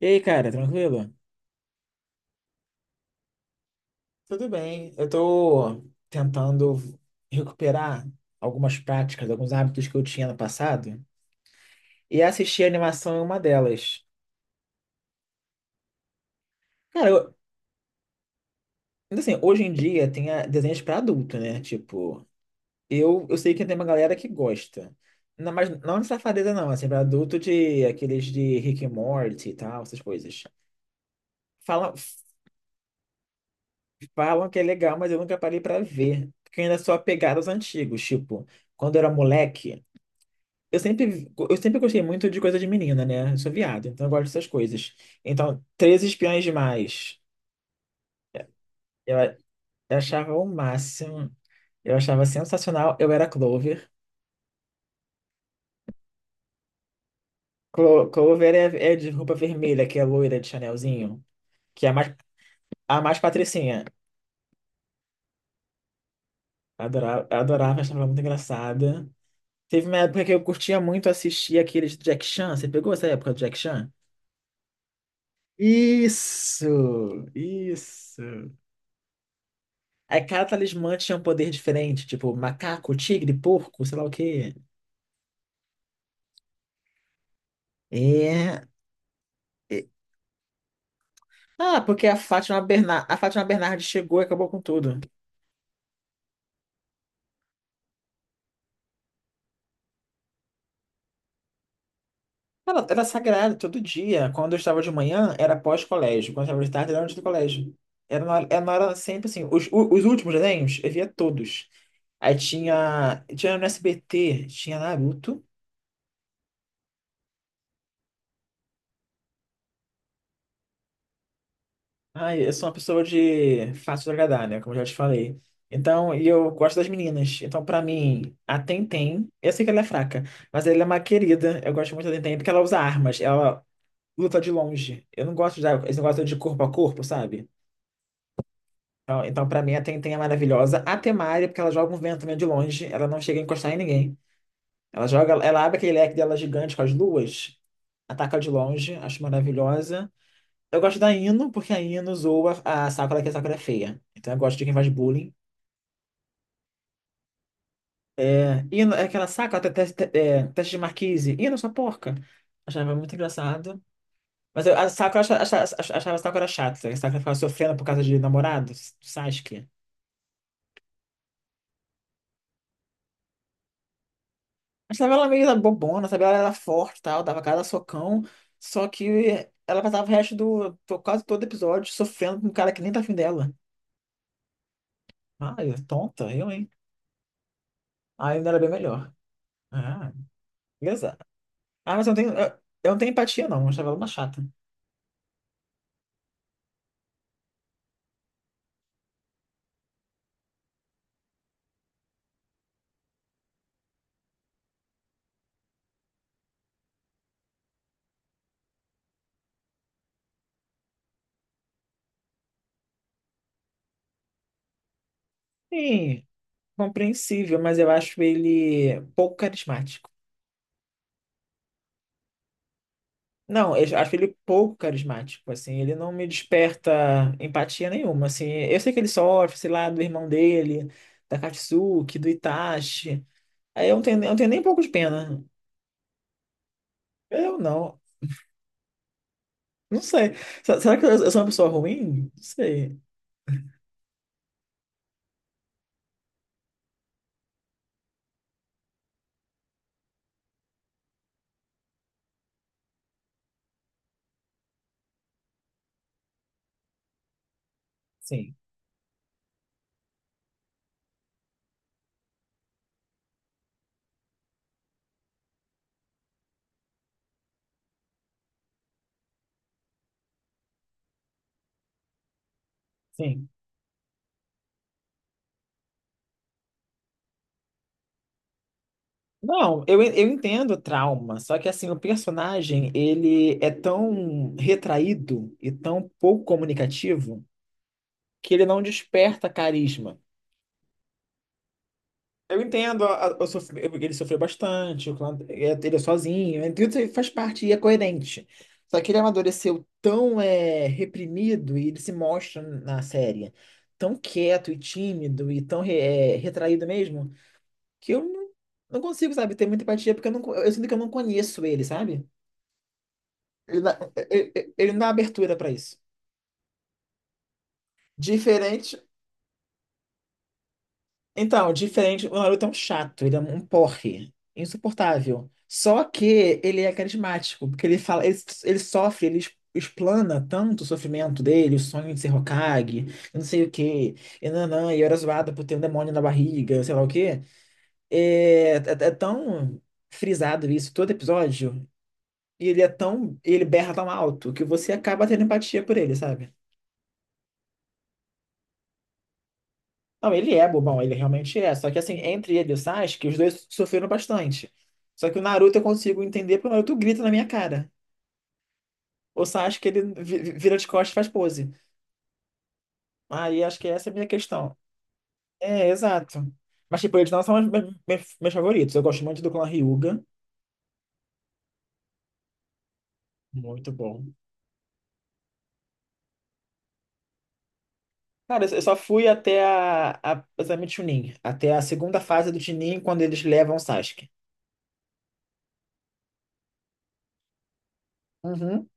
E aí, cara, tranquilo? Tudo bem, eu tô tentando recuperar algumas práticas, alguns hábitos que eu tinha no passado e assistir animação é uma delas. Cara, mas assim, hoje em dia tem desenhos pra adulto, né? Tipo, eu sei que tem uma galera que gosta, não, mas não de safadeza não, assim, pra adulto de aqueles de Rick and Morty e tal, essas coisas. Falam, falam que é legal, mas eu nunca parei pra ver, porque eu ainda sou apegado aos antigos, tipo, quando eu era moleque. Eu sempre gostei muito de coisa de menina, né? Eu sou viado, então eu gosto dessas coisas. Então, 13 Espiões Demais. Eu, a- eu achava o máximo. Eu achava sensacional. Eu era Clover. Clover é, de roupa vermelha, que é loira de Chanelzinho. Que é a mais patricinha. Adorava, adorava, achava muito engraçada. Teve uma época que eu curtia muito assistir aqueles Jack Chan. Você pegou essa época do Jack Chan? Isso! Isso! Aí cada talismã tinha um poder diferente, tipo macaco, tigre, porco, sei lá o quê. É. e- Ah, porque a Fátima Bernardes chegou e acabou com tudo. Ela era sagrada todo dia. Quando eu estava de manhã, era pós-colégio. Quando eu estava de tarde, era antes do colégio. Era na hora sempre assim. Os últimos desenhos, eu via todos. Aí tinha no SBT, tinha Naruto. Ah, eu sou uma pessoa de fácil de agradar, né? Como eu já te falei. Então, e eu gosto das meninas. Então, pra mim, a Tenten, eu sei que ela é fraca, mas ela é uma querida. Eu gosto muito da Tenten porque ela usa armas, ela luta de longe. Eu não gosto de esse negócio de corpo a corpo, sabe? Então, pra mim, a Tenten é maravilhosa. A Temária, porque ela joga um vento meio de longe, ela não chega a encostar em ninguém. Ela joga, ela abre aquele leque dela gigante com as luas, ataca de longe, acho maravilhosa. Eu gosto da Ino, porque a Ino zoa a Sakura, que a Sakura é feia. Então eu gosto de quem faz bullying. É, Ino é aquela Sakura, teste de Marquise. Ino, sua porca. Achava muito engraçado. Mas a Sakura achava a Sakura chata. A Sakura ficava sofrendo por causa de namorado, do Sasuke. Achava ela meio bobona, sabe? Ela era forte e tal, dava cada socão. Só que ela passava o resto do, quase todo episódio sofrendo com um cara que nem tá afim dela. Ai, tonta, eu, hein? A Ino era bem melhor. Ah, beleza. Ah, mas eu não tenho, eu não tenho empatia, não. Eu achava ela uma chata. Sim, compreensível, mas eu acho ele pouco carismático. Não, eu acho ele pouco carismático, assim. Ele não me desperta empatia nenhuma, assim. Eu sei que ele sofre, sei lá, do irmão dele, da Katsuki, do Itachi. Aí eu não tenho nem um pouco de pena. Eu não. Não sei. Será que eu sou uma pessoa ruim? Não sei. Sim, sim. Não, eu entendo o trauma, só que assim, o personagem, ele é tão retraído e tão pouco comunicativo que ele não desperta carisma. Eu entendo, ele sofreu bastante, ele é sozinho, então isso aí faz parte e é coerente. Só que ele amadureceu tão reprimido e ele se mostra na série tão quieto e tímido e tão retraído mesmo, que eu não, não consigo, sabe, ter muita empatia, porque eu sinto que eu não conheço ele, sabe? Ele na- ele- ele- ele não dá abertura pra isso. Diferente. Então, diferente. O Naruto é um chato, ele é um porre. Insuportável. Só que ele é carismático, porque ele fala, ele sofre, ele explana tanto o sofrimento dele, o sonho de ser Hokage, eu não sei o quê, e nanã, e eu era zoado por ter um demônio na barriga, sei lá o quê. É, é tão frisado isso todo episódio, e ele berra tão alto que você acaba tendo empatia por ele, sabe? Não, ele é bobão, ele realmente é. Só que assim, entre ele e o Sasuke, os dois sofreram bastante. Só que o Naruto eu consigo entender porque o Naruto grita na minha cara. O Sasuke, ele vira de costas e faz pose. Aí acho que essa é a minha questão. É, exato. Mas tipo, eles não são os meus, meus favoritos. Eu gosto muito do clã Hyuga. Muito bom. Cara, eu só fui até a exatamente Chunin. Até a segunda fase do Chunin, quando eles levam o Sasuke. Uhum.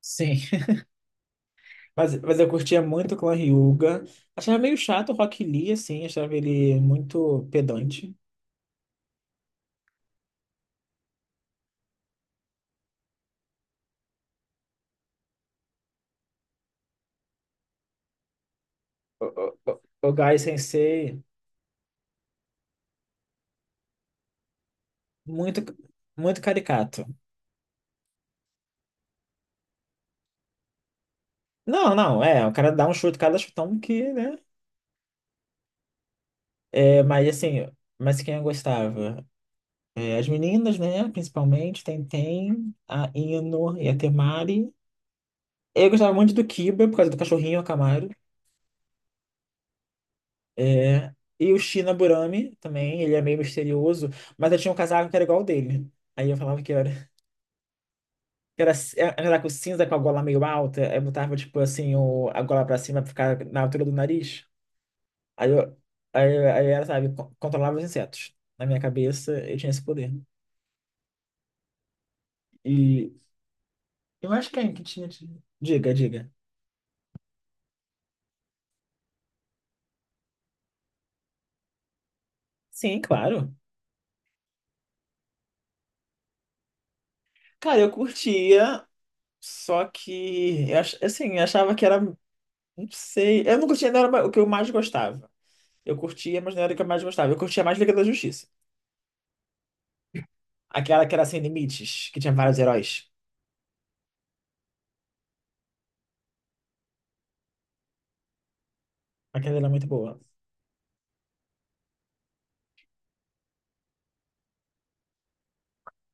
Sim. Mas eu curtia muito o Clã Hyuga. Achava meio chato o Rock Lee, assim, achava ele muito pedante. O Gai Sensei, muito, muito caricato. Não, não, é, o cara dá um chute, cada chutão que, né? É, mas assim, mas quem eu gostava? É, as meninas, né? Principalmente, Tenten, a Ino e a Temari. Eu gostava muito do Kiba, por causa do cachorrinho, o Camaro. E o Shina Burami também, ele é meio misterioso, mas eu tinha um casaco que era igual ao dele. Aí eu falava que era. Era, era com cinza com a gola meio alta, eu botava, tipo, assim, a gola pra cima pra ficar na altura do nariz. Aí eu, aí ela, sabe, controlava os insetos. Na minha cabeça, eu tinha esse poder. E eu acho que é que tinha. Diga, diga. Sim, claro. Cara, eu curtia, só que, assim, eu achava que era, não sei, eu não curtia, não era o que eu mais gostava. Eu curtia, mas não era o que eu mais gostava. Eu curtia mais Liga da Justiça. Aquela que era sem limites, que tinha vários heróis. Aquela era muito boa.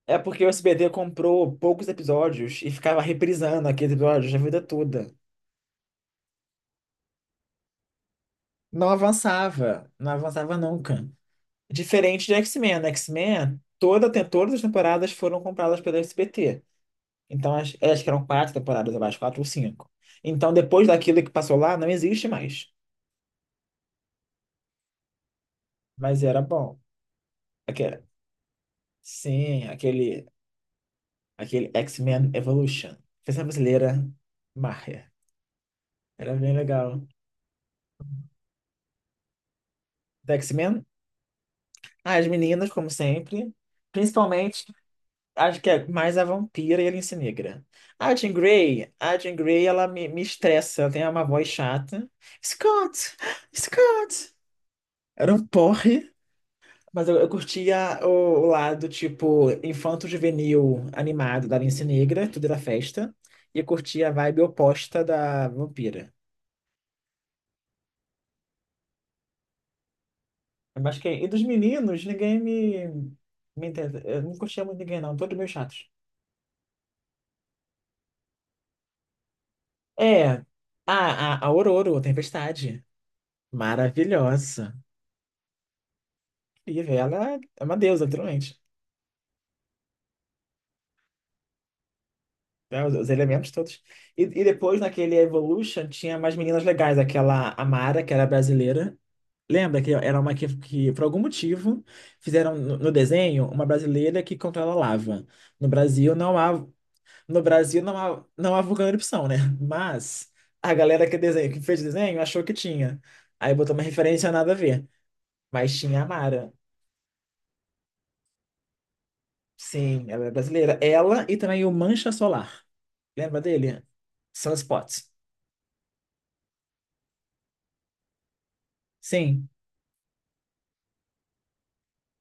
É porque o SBT comprou poucos episódios e ficava reprisando aqueles episódios a vida toda. Não avançava, não avançava nunca. Diferente de X-Men. No X-Men, todas as temporadas foram compradas pelo SBT. Então, acho que eram quatro temporadas, eu acho, quatro ou cinco. Então, depois daquilo que passou lá, não existe mais. Mas era bom. Aquele, sim, aquele X-Men Evolution. Versão brasileira, Maher. Era bem legal. Da X-Men? As meninas, como sempre. Principalmente, acho que é mais a vampira e a Lince Negra. A Jean Grey, ela me estressa. Ela tem uma voz chata. Scott! Scott! Era um porre. Mas eu curtia o lado, tipo, infanto-juvenil animado da Lince Negra. Tudo era festa. E eu curtia a vibe oposta da vampira. E dos meninos, ninguém me... me entende. Eu não curtia muito ninguém, não. Todos meio chatos. É, a Aurora, a Tempestade. Maravilhosa. Incrível. Ela é uma deusa, literalmente. Né, os elementos todos. E depois, naquele Evolution, tinha mais meninas legais. Aquela Amara, que era brasileira. Lembra que era uma que por algum motivo, fizeram no desenho uma brasileira que controla lava. No Brasil não há, não há vulcão em erupção, né? Mas a galera que fez o desenho achou que tinha. Aí botou uma referência nada a ver. Mas tinha a Mara. Sim, ela é brasileira. Ela e também o Mancha Solar. Lembra dele? Sunspots. Sim.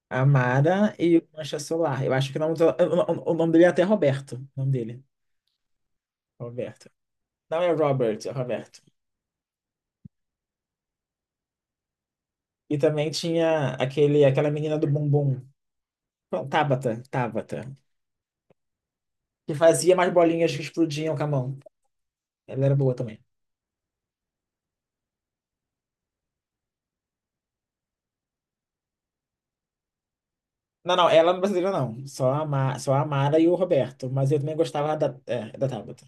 A Mara e o Mancha Solar. Eu acho que o nome dele é até Roberto. O nome dele. Roberto. Não é Robert, é Roberto. E também tinha aquela menina do bumbum. Bom, Tabata, Tabata. Que fazia mais bolinhas que explodiam com a mão. Ela era boa também. Não, não, ela não é brasileira, não. Só a Mara e o Roberto. Mas eu também gostava da Tabata.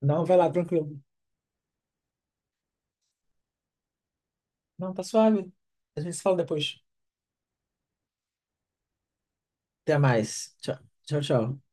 Não, vai lá, tranquilo. Não, tá suave. A gente se fala depois. Até mais. Tchau, tchau, tchau.